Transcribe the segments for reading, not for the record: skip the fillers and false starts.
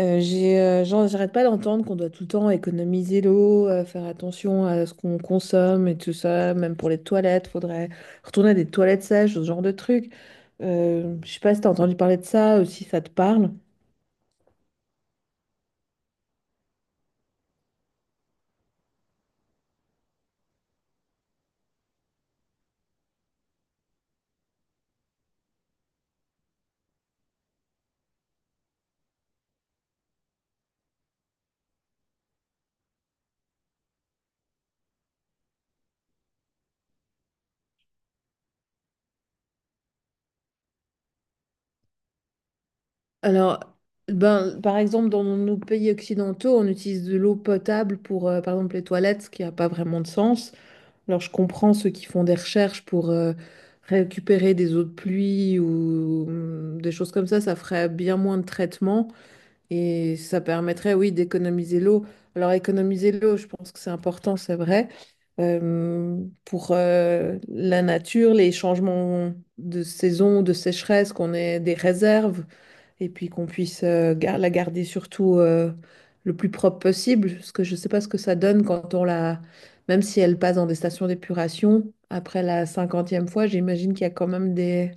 J'arrête pas d'entendre qu'on doit tout le temps économiser l'eau, faire attention à ce qu'on consomme et tout ça, même pour les toilettes, faudrait retourner à des toilettes sèches, ce genre de truc. Je sais pas si t'as entendu parler de ça ou si ça te parle. Alors, ben, par exemple, dans nos pays occidentaux, on utilise de l'eau potable pour, par exemple, les toilettes, ce qui n'a pas vraiment de sens. Alors, je comprends ceux qui font des recherches pour récupérer des eaux de pluie ou des choses comme ça ferait bien moins de traitement. Et ça permettrait, oui, d'économiser l'eau. Alors, économiser l'eau, je pense que c'est important, c'est vrai. Pour la nature, les changements de saison, de sécheresse, qu'on ait des réserves et puis qu'on puisse la garder surtout le plus propre possible. Parce que je ne sais pas ce que ça donne quand on la... Même si elle passe dans des stations d'épuration, après la cinquantième fois, j'imagine qu'il y a quand même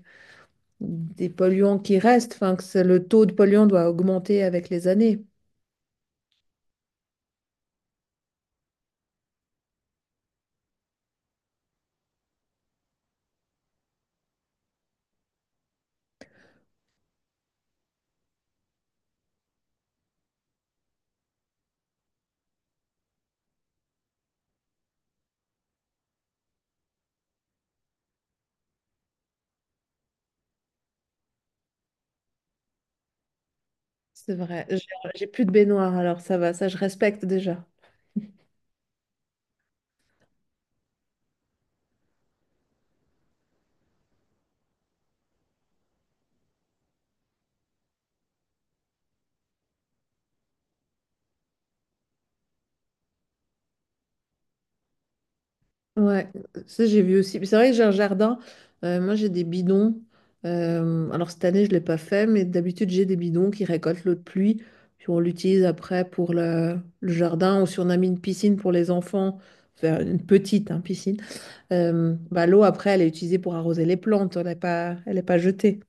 des polluants qui restent. Enfin, le taux de polluants doit augmenter avec les années. C'est vrai. J'ai plus de baignoire, alors ça va, ça je respecte déjà. Ouais, ça j'ai vu aussi. Puis c'est vrai que j'ai un jardin. Moi j'ai des bidons. Alors cette année je l'ai pas fait, mais d'habitude j'ai des bidons qui récoltent l'eau de pluie. Puis on l'utilise après pour le jardin ou si on a mis une piscine pour les enfants, enfin une petite hein, piscine. L'eau après elle est utilisée pour arroser les plantes. Elle est pas jetée.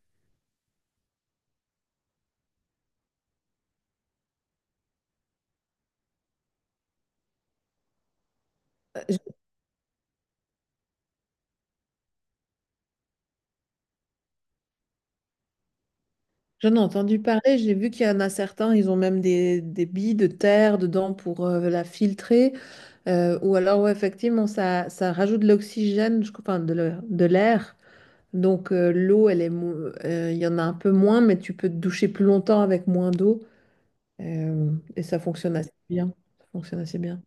J'en ai entendu parler, j'ai vu qu'il y en a certains, ils ont même des billes de terre dedans pour la filtrer. Ouais, effectivement, ça rajoute de l'oxygène, je crois, enfin, de l'air. Donc, l'eau, elle est, mo- il y en a un peu moins, mais tu peux te doucher plus longtemps avec moins d'eau. euh, et ça fonctionne assez bien. Ça fonctionne assez bien.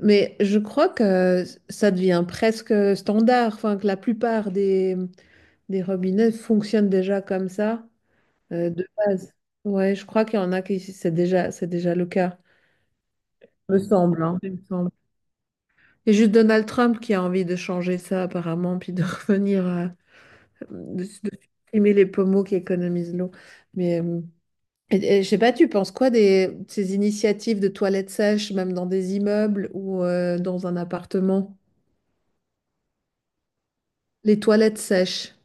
Mais je crois que ça devient presque standard, enfin, que la plupart des robinets fonctionnent déjà comme ça. De base. Ouais, je crois qu'il y en a qui c'est déjà le cas, me semble, hein, il me semble. Et juste Donald Trump qui a envie de changer ça apparemment, puis de revenir à de supprimer les pommeaux qui économisent l'eau. Mais je sais pas, tu penses quoi des de ces initiatives de toilettes sèches, même dans des immeubles ou dans un appartement? Les toilettes sèches.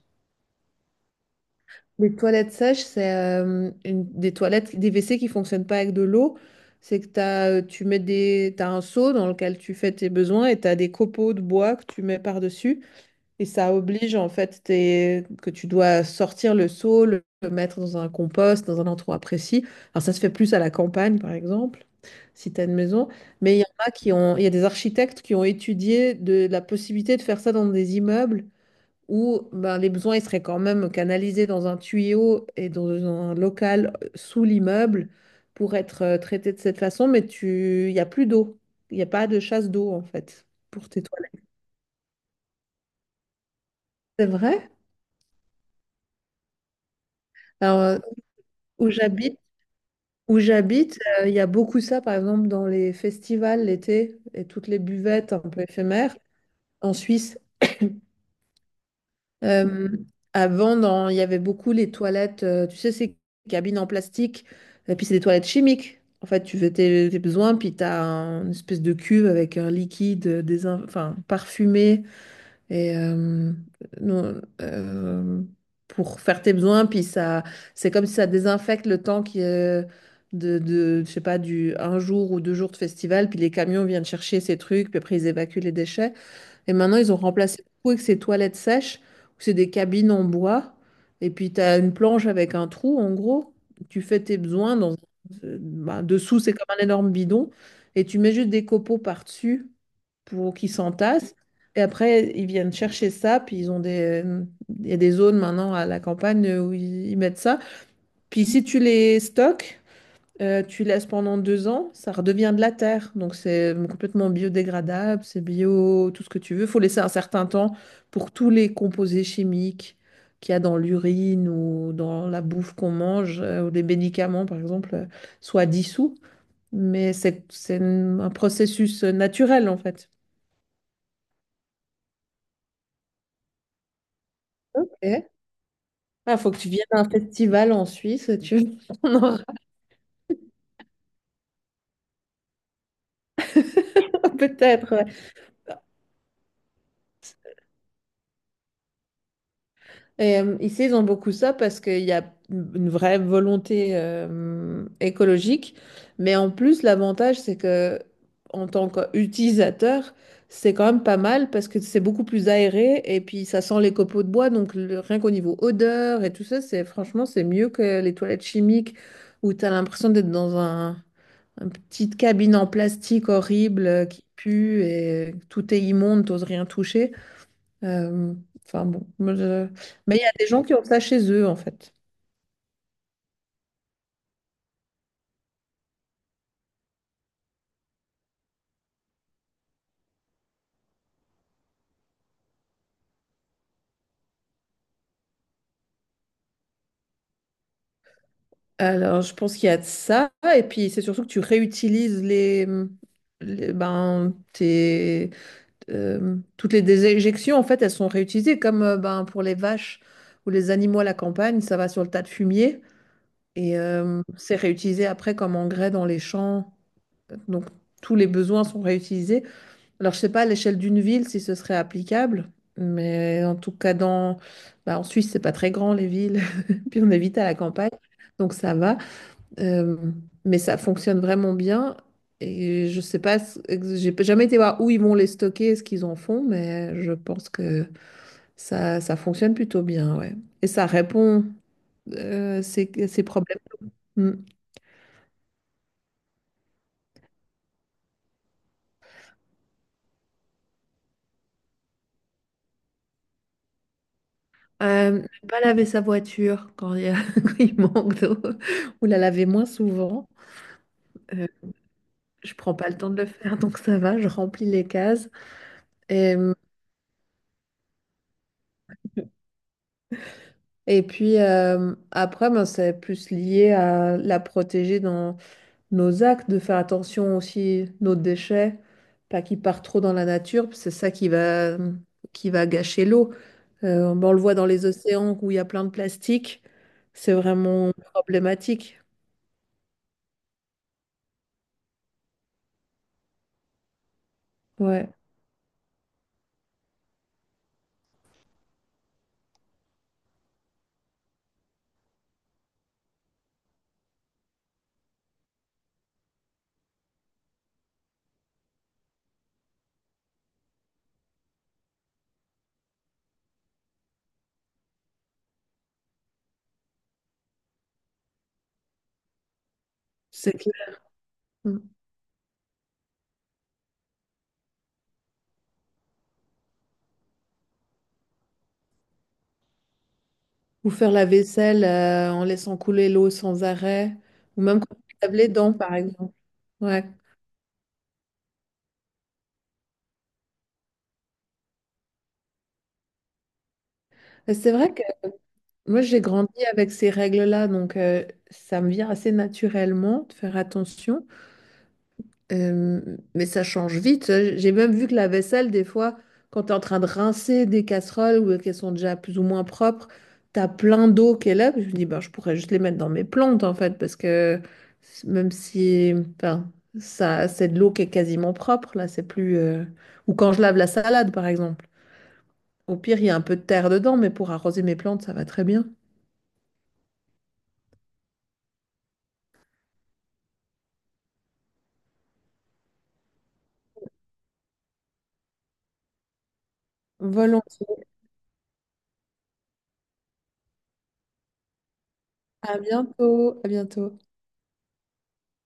Les toilettes sèches, c'est des toilettes, des WC qui fonctionnent pas avec de l'eau. C'est que t'as un seau dans lequel tu fais tes besoins et tu as des copeaux de bois que tu mets par-dessus. Et ça oblige en fait que tu dois sortir le seau, le mettre dans un compost, dans un endroit précis. Alors ça se fait plus à la campagne par exemple, si tu as une maison. Mais il y en a il y a des architectes qui ont étudié de la possibilité de faire ça dans des immeubles où ben, les besoins ils seraient quand même canalisés dans un tuyau et dans un local sous l'immeuble pour être traités de cette façon, mais tu... il n'y a plus d'eau. Il n'y a pas de chasse d'eau, en fait, pour tes toilettes. C'est vrai? Alors, euh, où j'habite, Où j'habite, il y a beaucoup ça, par exemple, dans les festivals l'été et toutes les buvettes un peu éphémères en Suisse. Euh, avant, il y avait beaucoup les toilettes, tu sais, ces cabines en plastique, et puis c'est des toilettes chimiques. En fait, tu fais tes besoins, puis tu as une espèce de cuve avec un liquide enfin, parfumé et, non, pour faire tes besoins, puis ça, c'est comme si ça désinfecte le temps qui est je sais pas, du un jour ou deux jours de festival, puis les camions viennent chercher ces trucs, puis après ils évacuent les déchets. Et maintenant, ils ont remplacé tout avec ces toilettes sèches, où c'est des cabines en bois. Et puis, tu as une planche avec un trou, en gros. Tu fais tes besoins dans... dessous, c'est comme un énorme bidon. Et tu mets juste des copeaux par-dessus pour qu'ils s'entassent. Et après, ils viennent chercher ça. Puis, ils ont des... il y a des zones maintenant à la campagne où ils mettent ça. Puis, si tu les stocks, tu laisses pendant deux ans, ça redevient de la terre. Donc c'est complètement biodégradable, c'est bio, tout ce que tu veux. Il faut laisser un certain temps pour tous les composés chimiques qu'il y a dans l'urine ou dans la bouffe qu'on mange, ou des médicaments par exemple, soient dissous. Mais c'est un processus naturel en fait. Il faut que tu viennes à un festival en Suisse, tu on aura peut-être. Ouais. Et, ici, ils ont beaucoup ça parce qu'il y a une vraie volonté écologique. Mais en plus, l'avantage, c'est que en tant qu'utilisateur, c'est quand même pas mal parce que c'est beaucoup plus aéré et puis ça sent les copeaux de bois. Donc, rien qu'au niveau odeur et tout ça, c'est franchement, c'est mieux que les toilettes chimiques où tu as l'impression d'être une petite cabine en plastique horrible qui pue et tout est immonde, t'oses rien toucher. Euh, enfin bon, moi, je- mais il y a des gens qui ont ça chez eux en fait. Alors je pense qu'il y a de ça et puis c'est surtout que tu réutilises ben tes toutes les déjections en fait elles sont réutilisées comme ben pour les vaches ou les animaux à la campagne ça va sur le tas de fumier et c'est réutilisé après comme engrais dans les champs donc tous les besoins sont réutilisés. Alors, je sais pas à l'échelle d'une ville si ce serait applicable, mais en tout cas, dans... bah, en Suisse, c'est pas très grand les villes, puis on est vite à la campagne, donc ça va. Euh, mais ça fonctionne vraiment bien. Et je sais pas, j'ai jamais été voir où ils vont les stocker, ce qu'ils en font, mais je pense que ça fonctionne plutôt bien, ouais. Et ça répond à à ces problèmes. Mm. Euh, Ne pas laver sa voiture quand quand il manque d'eau, ou la laver moins souvent. Je prends pas le temps de le faire, donc ça va, je remplis les cases. Et, et puis après, ben, c'est plus lié à la protéger dans nos actes, de faire attention aussi nos déchets, pas qu'ils partent trop dans la nature, c'est ça qui va gâcher l'eau. Ben, on le voit dans les océans où il y a plein de plastique, c'est vraiment problématique. Ouais, c'est clair. Mm. Ou faire la vaisselle en laissant couler l'eau sans arrêt, ou même quand on lave les dents, par exemple. Ouais. Mais c'est vrai que moi, j'ai grandi avec ces règles-là, donc ça me vient assez naturellement de faire attention. Euh, mais ça change vite, hein. J'ai même vu que la vaisselle, des fois, quand tu es en train de rincer des casseroles ou qu'elles sont déjà plus ou moins propres, tu as plein d'eau qui est là. Puis je me dis, ben, je pourrais juste les mettre dans mes plantes, en fait, parce que même si, enfin, ça, c'est de l'eau qui est quasiment propre, là, c'est plus... Ou quand je lave la salade, par exemple. Au pire, il y a un peu de terre dedans, mais pour arroser mes plantes, ça va très bien. Volontiers. À bientôt. À bientôt.